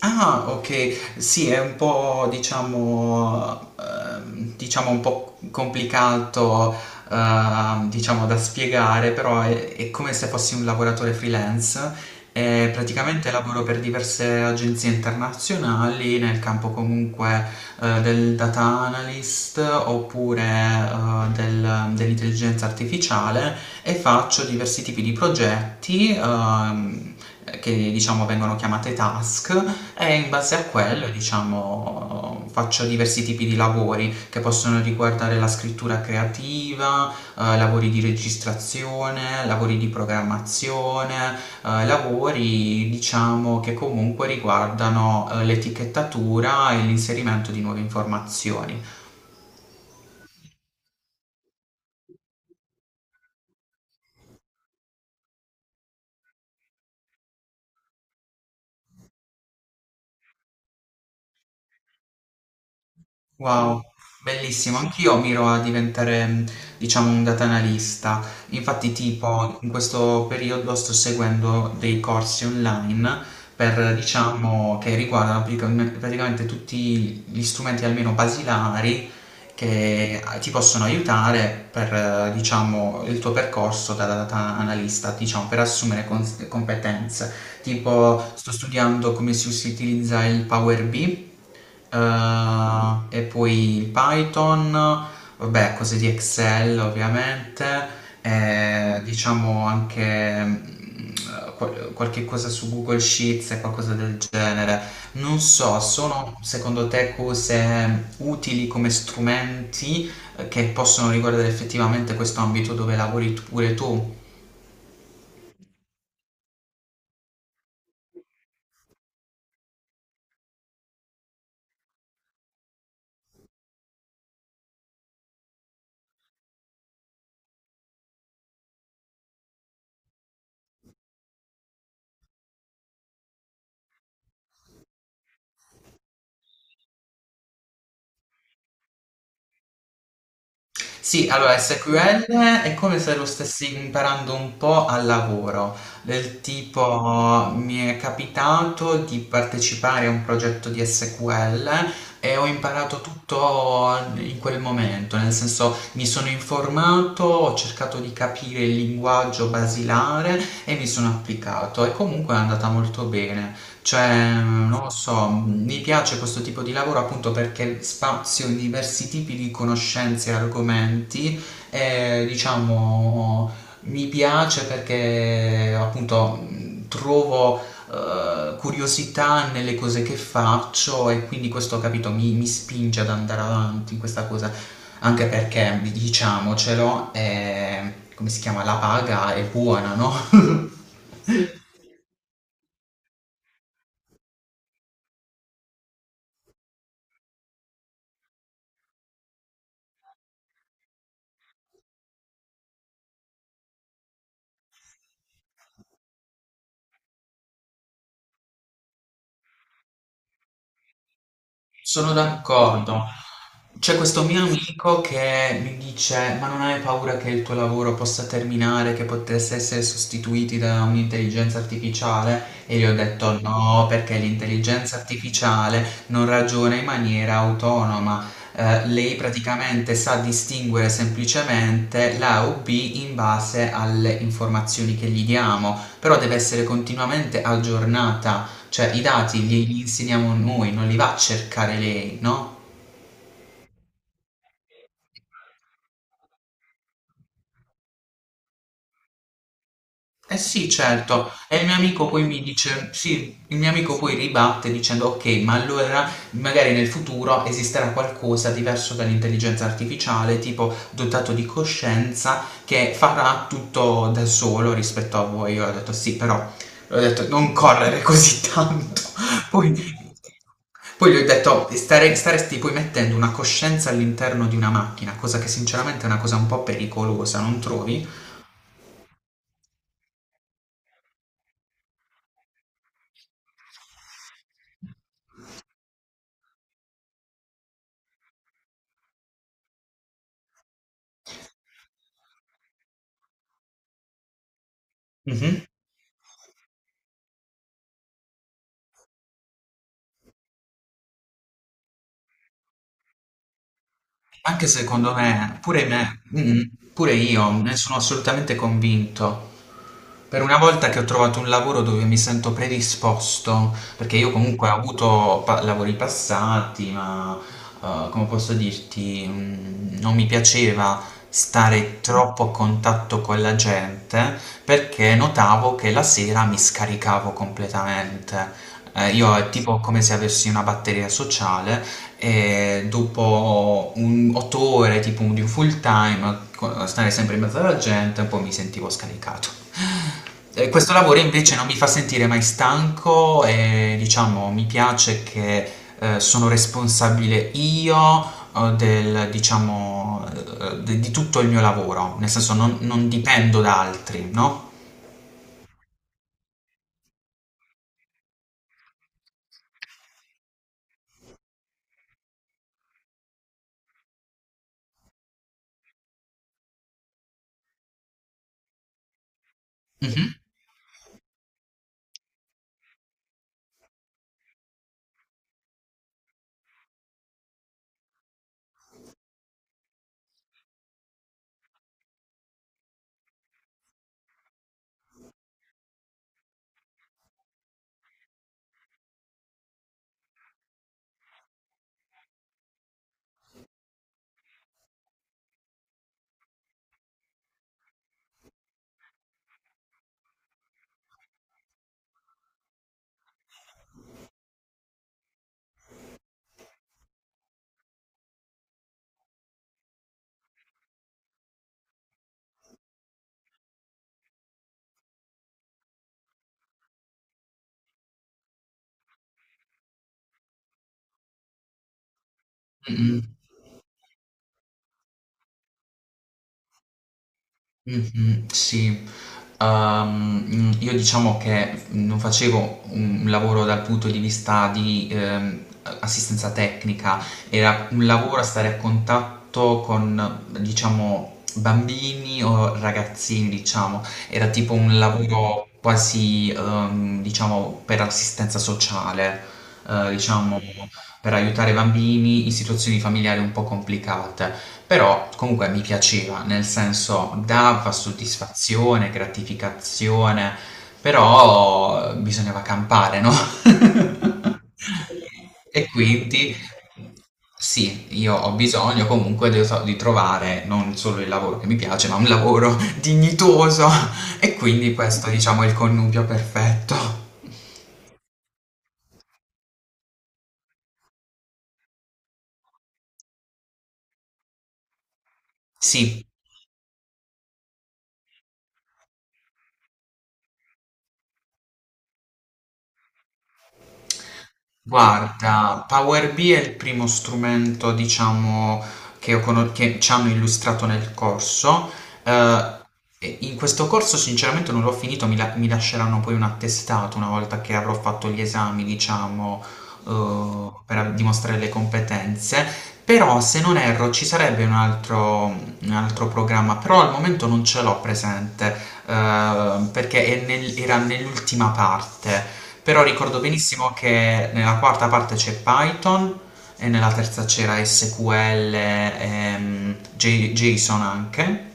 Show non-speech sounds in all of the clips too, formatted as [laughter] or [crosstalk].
Ah, ok, sì, è un po', diciamo, diciamo un po' complicato, diciamo, da spiegare, però è come se fossi un lavoratore freelance e praticamente lavoro per diverse agenzie internazionali nel campo comunque del data analyst oppure dell'intelligenza artificiale e faccio diversi tipi di progetti che diciamo vengono chiamate task e in base a quello, diciamo, faccio diversi tipi di lavori che possono riguardare la scrittura creativa, lavori di registrazione, lavori di programmazione, lavori, diciamo, che comunque riguardano l'etichettatura e l'inserimento di nuove informazioni. Wow, bellissimo. Anch'io miro a diventare, diciamo, un data analista. Infatti, tipo, in questo periodo sto seguendo dei corsi online per, diciamo, che riguardano praticamente tutti gli strumenti almeno basilari che ti possono aiutare per, diciamo, il tuo percorso da data analista, diciamo, per assumere competenze. Tipo, sto studiando come si utilizza il Power BI, eh, e poi il Python, vabbè, cose di Excel ovviamente, e diciamo anche qualche cosa su Google Sheets e qualcosa del genere. Non so, sono secondo te cose utili come strumenti che possono riguardare effettivamente questo ambito dove pure tu? Sì, allora SQL è come se lo stessi imparando un po' al lavoro, del tipo mi è capitato di partecipare a un progetto di SQL e ho imparato tutto in quel momento, nel senso mi sono informato, ho cercato di capire il linguaggio basilare e mi sono applicato e comunque è andata molto bene. Cioè, non lo so, mi piace questo tipo di lavoro appunto perché spazio in diversi tipi di conoscenze e argomenti e diciamo mi piace perché appunto trovo curiosità nelle cose che faccio e quindi questo, capito, mi spinge ad andare avanti in questa cosa, anche perché diciamocelo, è, come si chiama, la paga è buona, no? [laughs] Sono d'accordo. C'è questo mio amico che mi dice: Ma non hai paura che il tuo lavoro possa terminare, che potesse essere sostituiti da un'intelligenza artificiale? E gli ho detto: No, perché l'intelligenza artificiale non ragiona in maniera autonoma. Lei praticamente sa distinguere semplicemente l'A o B in base alle informazioni che gli diamo, però deve essere continuamente aggiornata cioè i dati glieli insegniamo noi, non li va a cercare lei, no? Eh sì, certo. E il mio amico poi mi dice, sì, il mio amico poi ribatte dicendo, ok, ma allora magari nel futuro esisterà qualcosa diverso dall'intelligenza artificiale, tipo dotato di coscienza, che farà tutto da solo rispetto a voi. Io ho detto, sì, però, ho detto, non correre così tanto. [laughs] Poi, poi gli ho detto, staresti poi mettendo una coscienza all'interno di una macchina, cosa che sinceramente è una cosa un po' pericolosa, non trovi? Mhm. Anche secondo me, pure me, pure io ne sono assolutamente convinto. Per una volta che ho trovato un lavoro dove mi sento predisposto, perché io comunque ho avuto lavori passati, ma come posso dirti, non mi piaceva stare troppo a contatto con la gente perché notavo che la sera mi scaricavo completamente. Io è tipo come se avessi una batteria sociale e dopo un otto ore tipo di un full time, stare sempre in mezzo alla gente, un po' mi sentivo scaricato. Questo lavoro invece non mi fa sentire mai stanco e diciamo mi piace che sono responsabile io del, diciamo, di tutto il mio lavoro, nel senso non dipendo da altri, no? Mhm. Mm, mm. Mh-mh, sì. Io diciamo che non facevo un lavoro dal punto di vista di, a assistenza tecnica, era un lavoro a stare a contatto con, diciamo, bambini o ragazzini, diciamo. Era tipo un lavoro quasi, diciamo, per assistenza sociale, diciamo per aiutare bambini in situazioni familiari un po' complicate. Però comunque mi piaceva, nel senso dava soddisfazione, gratificazione, però bisognava campare, no? [laughs] E quindi sì, io ho bisogno comunque di, so, di trovare non solo il lavoro che mi piace, ma un lavoro [laughs] dignitoso. E quindi questo, diciamo, è il connubio perfetto. Sì. Guarda, Power BI è il primo strumento, diciamo, che, che ci hanno illustrato nel corso. Eh, e in questo corso, sinceramente, non l'ho finito, mi lasceranno poi un attestato una volta che avrò fatto gli esami, diciamo, per dimostrare le competenze. Però, se non erro, ci sarebbe un altro programma, però al momento non ce l'ho presente perché è era nell'ultima parte. Però ricordo benissimo che nella quarta parte c'è Python e nella terza c'era SQL, JSON anche.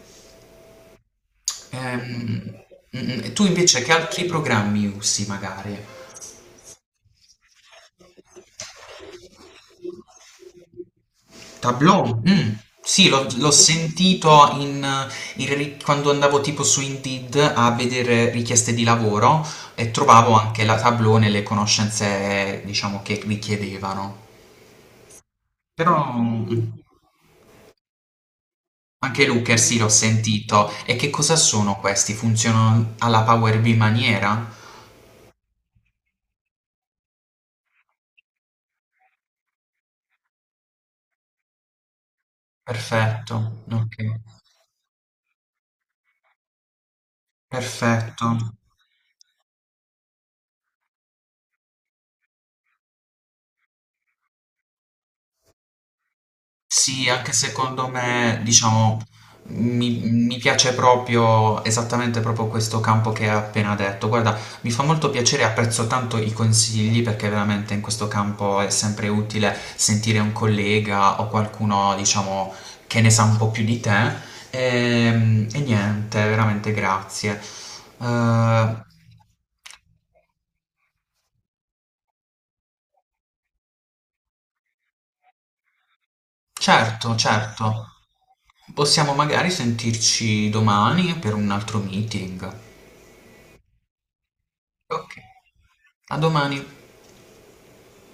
Ehm, tu invece che altri programmi usi magari? Tablò? Sì, l'ho sentito quando andavo tipo su Indeed a vedere richieste di lavoro e trovavo anche la Tableau nelle conoscenze, diciamo, che richiedevano. Però anche Looker sì, l'ho sentito. E che cosa sono questi? Funzionano alla Power BI maniera? Perfetto, ok. Perfetto. Sì, anche secondo me, diciamo, mi piace proprio esattamente proprio questo campo che hai appena detto. Guarda, mi fa molto piacere e apprezzo tanto i consigli perché veramente in questo campo è sempre utile sentire un collega o qualcuno, diciamo, che ne sa un po' più di te. E niente, veramente grazie. Eh, certo, certo. Possiamo magari sentirci domani per un altro meeting. Ok, a domani.